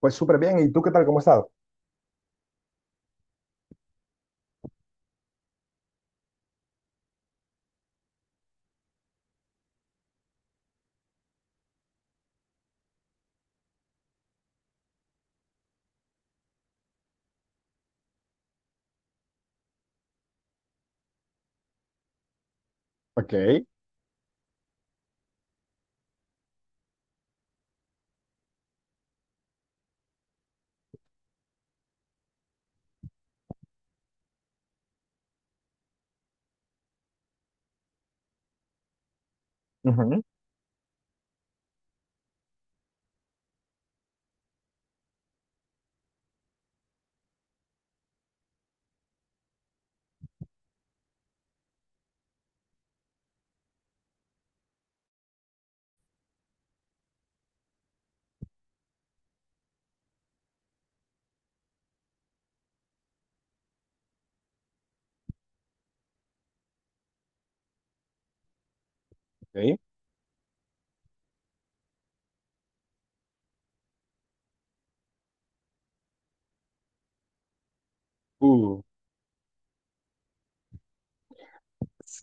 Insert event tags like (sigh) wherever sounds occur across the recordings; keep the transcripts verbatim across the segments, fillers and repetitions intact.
Pues súper bien. ¿Y tú qué tal? ¿Cómo has estado? Ok. Ujú. Ok. Uh,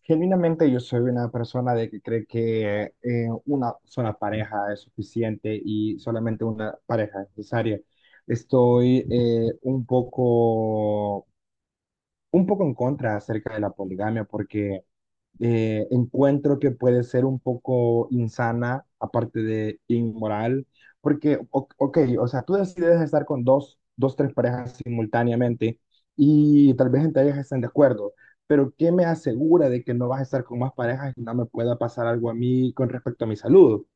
Genuinamente yo soy una persona de que cree que eh, una sola pareja es suficiente y solamente una pareja es necesaria. Estoy eh, un poco, un poco en contra acerca de la poligamia porque eh, encuentro que puede ser un poco insana, aparte de inmoral, porque, o- ok, o sea, tú decides estar con dos, dos, tres parejas simultáneamente y tal vez entre ellas estén de acuerdo, pero ¿qué me asegura de que no vas a estar con más parejas y no me pueda pasar algo a mí con respecto a mi salud?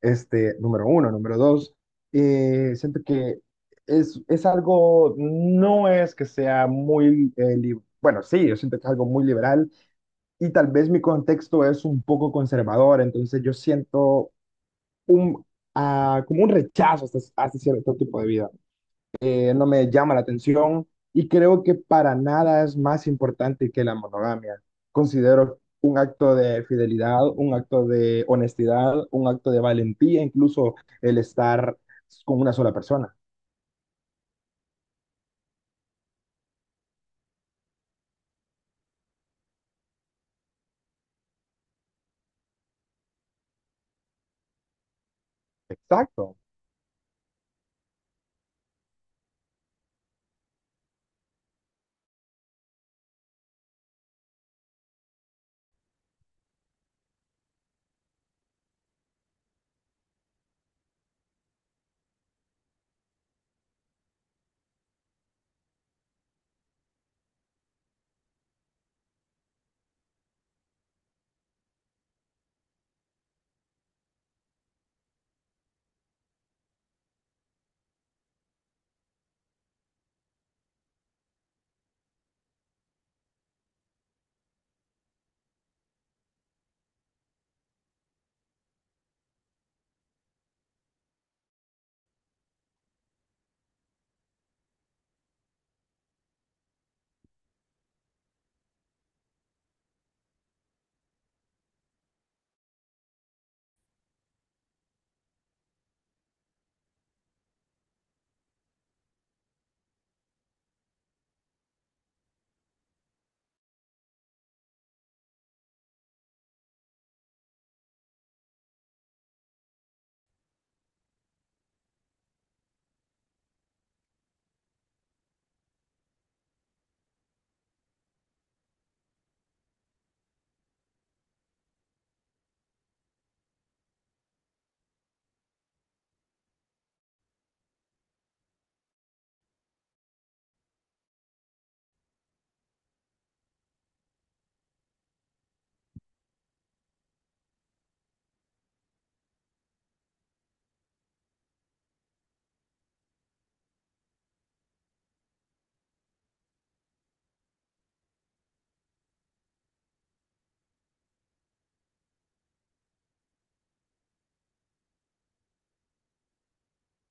Este, número uno, número dos, eh, siento que es, es algo, no es que sea muy, eh, li- bueno, sí, yo siento que es algo muy liberal y tal vez mi contexto es un poco conservador, entonces yo siento un, ah, como un rechazo hacia, hacia cierto tipo de vida. Eh, no me llama la atención y creo que para nada es más importante que la monogamia. Considero un acto de fidelidad, un acto de honestidad, un acto de valentía, incluso el estar con una sola persona. Exacto,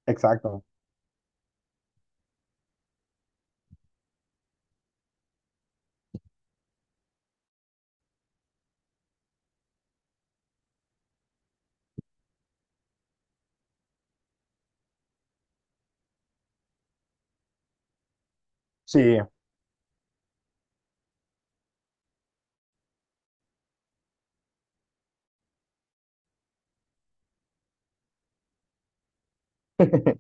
exacto. Sí. (laughs)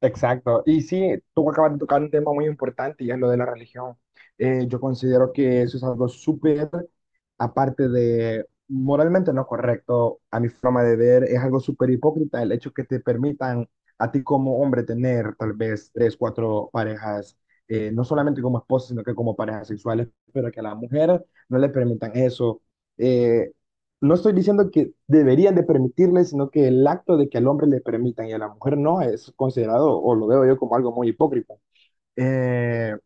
Exacto. Y sí, tú acabas de tocar un tema muy importante y es lo de la religión. Eh, yo considero que eso es algo súper, aparte de moralmente no correcto, a mi forma de ver, es algo súper hipócrita el hecho que te permitan a ti como hombre tener tal vez tres, cuatro parejas, eh, no solamente como esposa, sino que como parejas sexuales, pero que a la mujer no le permitan eso. Eh, no estoy diciendo que deberían de permitirle, sino que el acto de que al hombre le permitan y a la mujer no es considerado, o lo veo yo como algo muy hipócrita. Eh,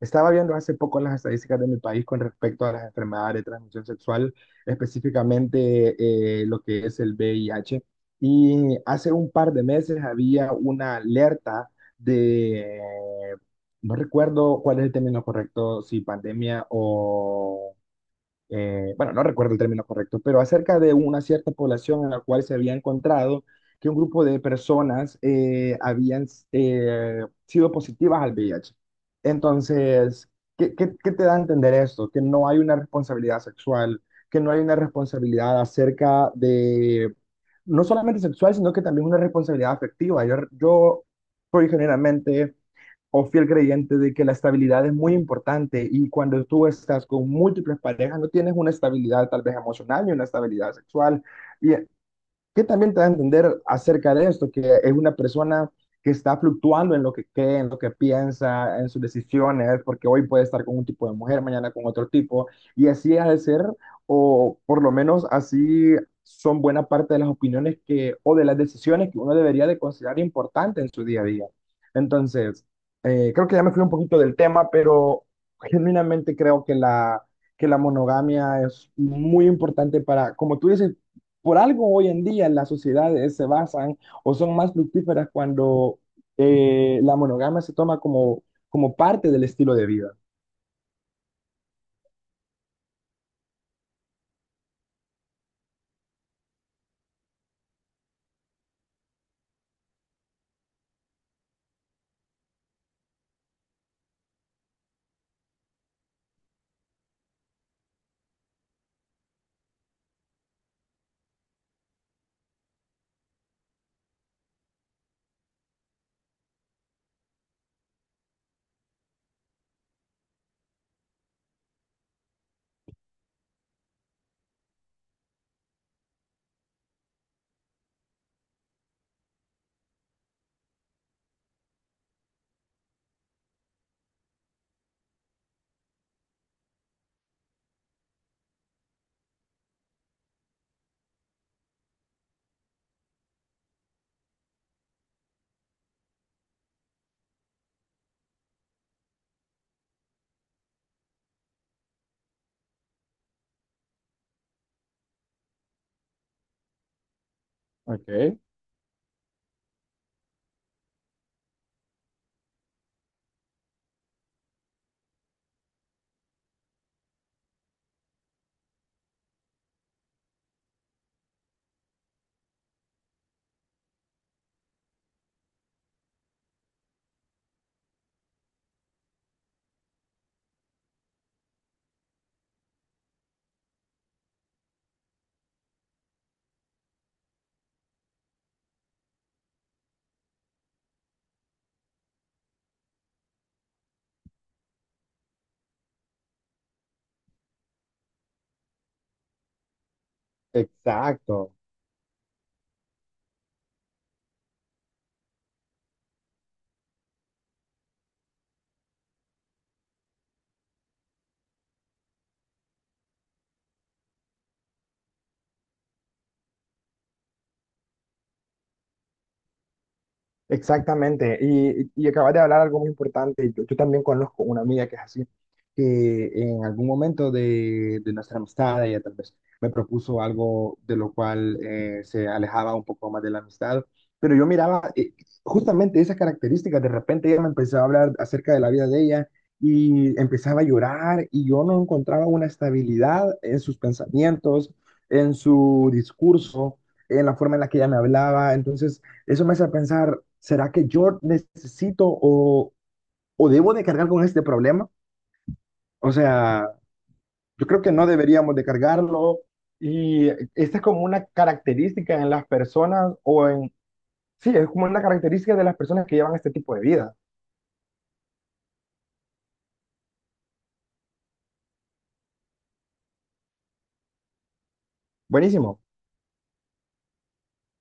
Estaba viendo hace poco las estadísticas de mi país con respecto a las enfermedades de transmisión sexual, específicamente eh, lo que es el V I H, y hace un par de meses había una alerta de, no recuerdo cuál es el término correcto, si pandemia o eh, bueno, no recuerdo el término correcto, pero acerca de una cierta población en la cual se había encontrado que un grupo de personas eh, habían eh, sido positivas al V I H. Entonces, ¿qué, qué, qué te da a entender esto? Que no hay una responsabilidad sexual, que no hay una responsabilidad acerca de, no solamente sexual, sino que también una responsabilidad afectiva. Yo, yo, por generalmente o fiel creyente de que la estabilidad es muy importante y cuando tú estás con múltiples parejas no tienes una estabilidad tal vez emocional ni una estabilidad sexual y que también te da a entender acerca de esto, que es una persona que está fluctuando en lo que cree, en lo que piensa, en sus decisiones, porque hoy puede estar con un tipo de mujer, mañana con otro tipo, y así ha de ser, o por lo menos así son buena parte de las opiniones que, o de las decisiones que uno debería de considerar importante en su día a día. Entonces, eh, creo que ya me fui un poquito del tema, pero genuinamente creo que la, que la monogamia es muy importante para, como tú dices, por algo hoy en día las sociedades se basan o son más fructíferas cuando eh, la monogamia se toma como, como parte del estilo de vida. Ok. Exacto. Exactamente, y, y acabas de hablar algo muy importante. Yo, yo también conozco una amiga que es así, que en algún momento de, de nuestra amistad, ella tal vez me propuso algo de lo cual eh, se alejaba un poco más de la amistad, pero yo miraba eh, justamente esas características. De repente ella me empezaba a hablar acerca de la vida de ella y empezaba a llorar, y yo no encontraba una estabilidad en sus pensamientos, en su discurso en la forma en la que ella me hablaba. Entonces, eso me hace pensar, ¿será que yo necesito o, o debo de cargar con este problema? O sea, yo creo que no deberíamos de cargarlo. Y esta es como una característica en las personas o en... Sí, es como una característica de las personas que llevan este tipo de vida. Buenísimo.